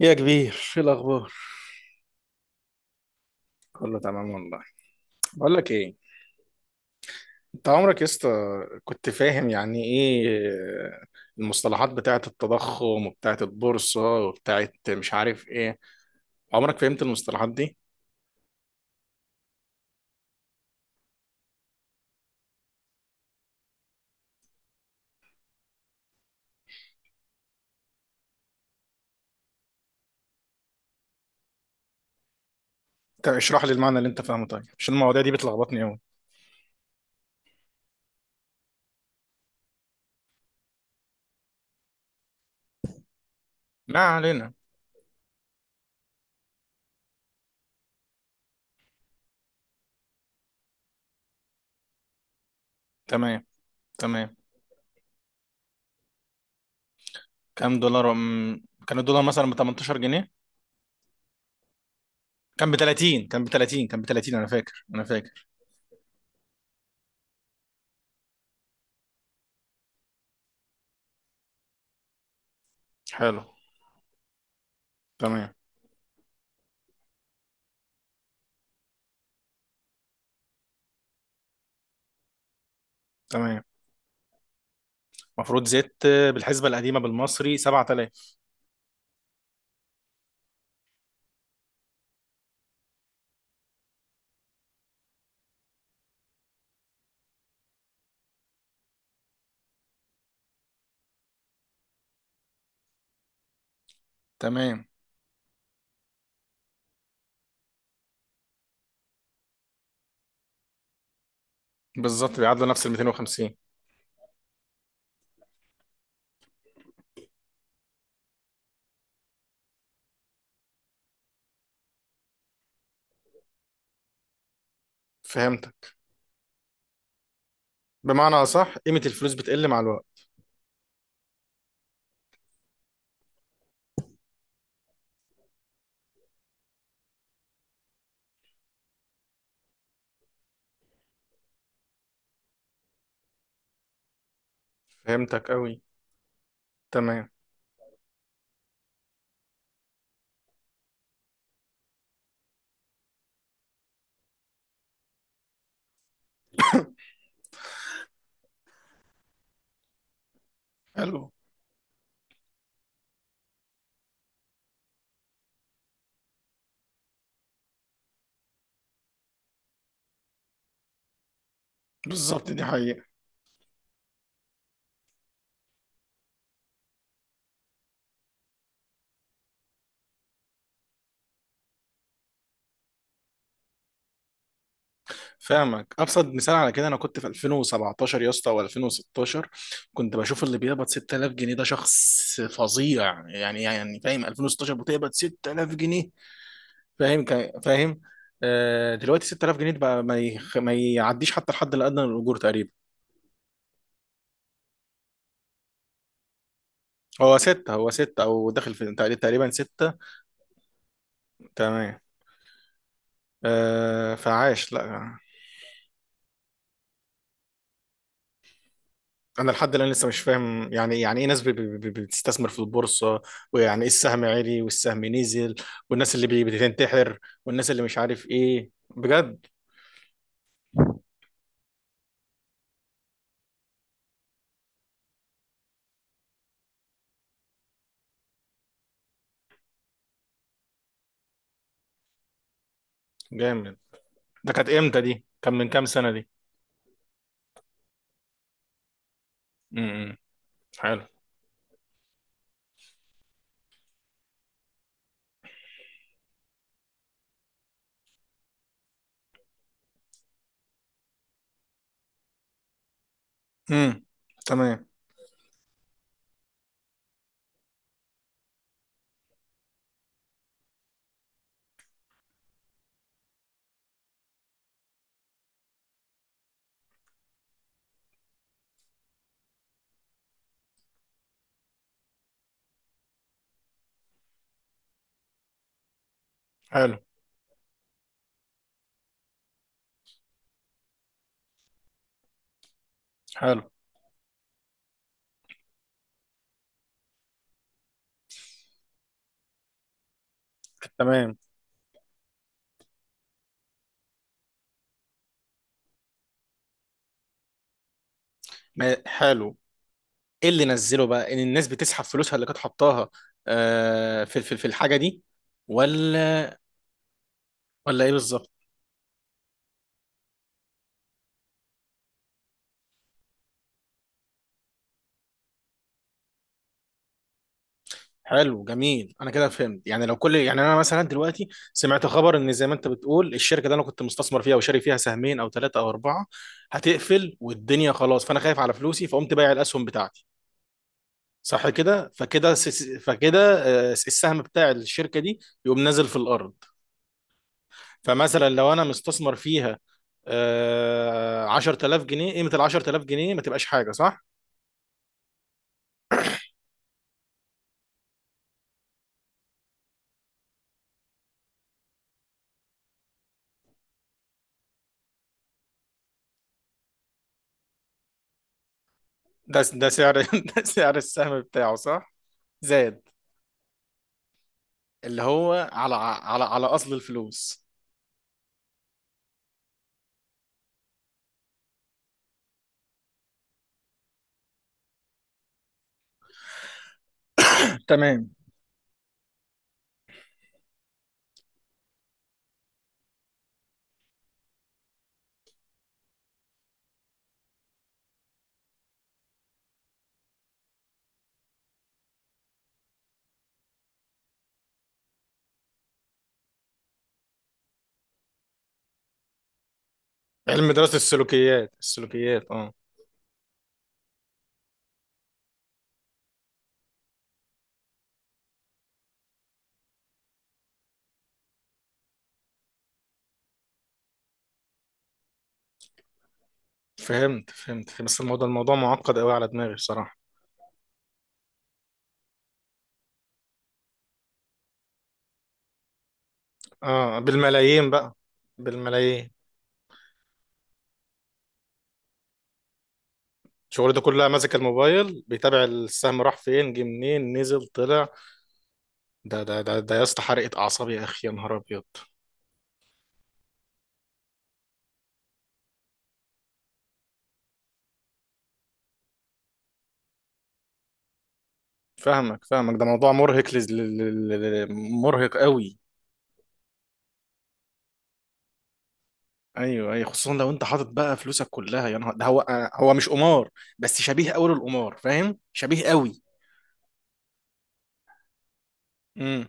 يا كبير، ايه الاخبار؟ كله تمام والله. بقول لك ايه. انت عمرك يا اسطى كنت فاهم يعني ايه المصطلحات بتاعه التضخم وبتاعه البورصه وبتاعه مش عارف ايه؟ عمرك فهمت المصطلحات دي؟ انت اشرح لي المعنى اللي انت فاهمه، طيب، عشان المواضيع دي بتلخبطني قوي. ما علينا. تمام. تمام. كام دولار كان الدولار مثلا ب 18 جنيه. كان ب 30، كان ب 30، كان ب 30، انا فاكر، انا فاكر. حلو. تمام. تمام. المفروض زدت بالحسبه القديمه بالمصري 7000. تمام. بالظبط بيعادلوا نفس ال 250. فهمتك. بمعنى أصح قيمة الفلوس بتقل مع الوقت. فهمتك أوي. تمام. حلو. بالظبط، دي حقيقة. فاهمك. أبسط مثال على كده أنا كنت في 2017 يا اسطى، أو 2016، كنت بشوف اللي بيقبض 6000 جنيه ده شخص فظيع يعني. يعني فاهم، 2016 بتقبض 6000 جنيه. فاهم فاهم. آه، دلوقتي 6000 جنيه ده بقى ما يعديش حتى الحد الأدنى للأجور تقريبا. هو ستة، هو ستة، أو داخل في، تقريبا ستة. تمام. آه، فعاش لا. انا لحد الان لسه مش فاهم، يعني يعني ايه ناس بتستثمر في البورصه؟ ويعني ايه السهم عالي والسهم نزل؟ والناس اللي بتنتحر، والناس اللي مش عارف ايه بجد. جامد. ده كانت امتى دي؟ كان من كام سنه دي؟ امم. حلو. امم. تمام. حلو. حلو. تمام. حلو. ايه اللي نزله بقى؟ ان الناس بتسحب فلوسها اللي كانت حطاها، آه، في الحاجه دي؟ ولا ولا ايه بالظبط؟ حلو، جميل. انا كده فهمت. يعني لو كل يعني انا مثلا دلوقتي سمعت خبر ان، زي ما انت بتقول، الشركه اللي انا كنت مستثمر فيها وشاري فيها سهمين او ثلاثه او اربعه هتقفل والدنيا خلاص، فانا خايف على فلوسي فقمت بايع الاسهم بتاعتي، صح كده؟ فكده فكده آه، السهم بتاع الشركه دي يقوم نازل في الارض. فمثلا لو انا مستثمر فيها آه، 10000 جنيه، قيمه ال 10000 جنيه ما تبقاش حاجه، صح؟ ده سعر ده سعر السهم بتاعه، صح؟ زاد. اللي هو على اصل الفلوس. تمام. علم دراسة السلوكيات، السلوكيات، اه. فهمت، فهمت. بس الموضوع معقد قوي على دماغي بصراحة. اه، بالملايين بقى. بالملايين. شغلته كلها ماسك الموبايل بيتابع السهم، راح فين، جه منين، نزل، طلع. ده يا اسطى حرقة أعصاب يا أخي، يا نهار أبيض. فاهمك، فاهمك، ده موضوع مرهق لز... ل... ل... ل... ل- مرهق قوي. ايوه، ايوه، خصوصا لو انت حاطط بقى فلوسك كلها، يا نهار ده هو. هو مش قمار، بس شبيه قوي للقمار، فاهم؟ شبيه قوي. امم.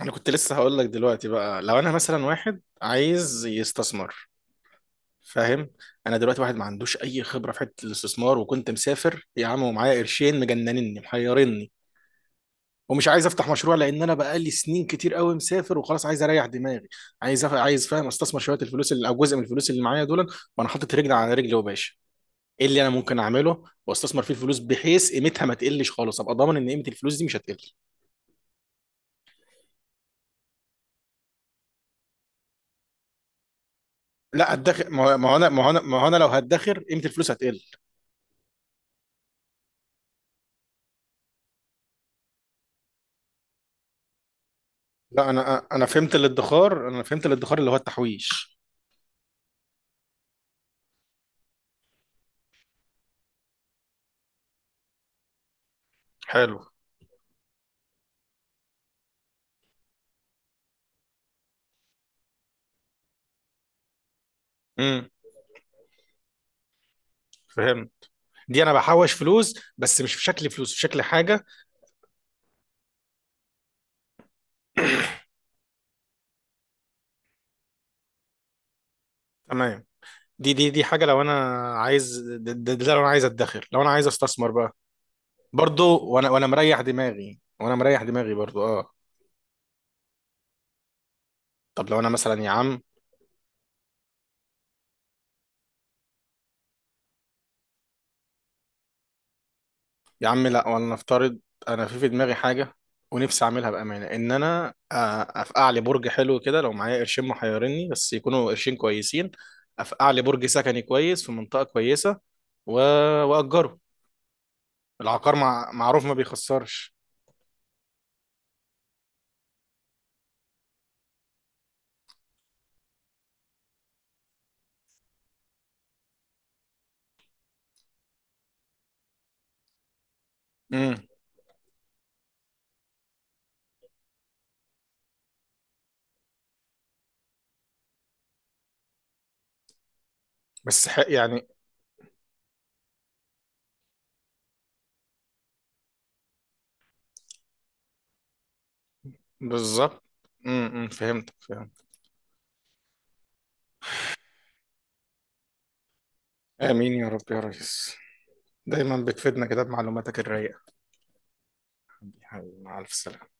انا كنت لسه هقول لك دلوقتي، بقى لو انا مثلا واحد عايز يستثمر، فاهم؟ انا دلوقتي واحد ما عندوش اي خبره في حته الاستثمار، وكنت مسافر يا عم ومعايا قرشين مجننني محيرني، ومش عايز افتح مشروع لان انا بقالي سنين كتير قوي مسافر وخلاص عايز اريح دماغي. عايز، فاهم، استثمر شويه الفلوس اللي، او جزء من الفلوس اللي معايا دول، وانا حاطط رجل على رجل وباشا. ايه اللي انا ممكن اعمله واستثمر فيه الفلوس بحيث قيمتها ما تقلش خالص، ابقى ضامن ان قيمه الفلوس دي مش هتقل؟ لا، ادخر. ما هو انا لو هدخر قيمه الفلوس هتقل. لا، انا فهمت الادخار، انا فهمت الادخار اللي هو التحويش. حلو. امم، فهمت. دي انا بحوش فلوس، بس مش في شكل فلوس، في شكل حاجه. تمام. دي حاجه، لو انا عايز، ده, ده, ده لو انا عايز ادخر، لو انا عايز استثمر بقى. برضو، وانا مريح دماغي، وانا مريح دماغي برضو، اه. طب لو انا مثلا يا عم، يا عم لا، ولا نفترض انا في دماغي حاجه، ونفسي اعملها بامانه، ان انا افقع لي برج حلو كده، لو معايا قرشين محيرني بس يكونوا قرشين كويسين. افقع لي برج سكني كويس في منطقه كويسه و... واجره. العقار معروف ما بيخسرش. امم. بس يعني. بالظبط. امم، فهمت، فهمت. امين يا رب يا ريس. دايما بتفيدنا كده بمعلوماتك الرايقه. مع الف سلامه.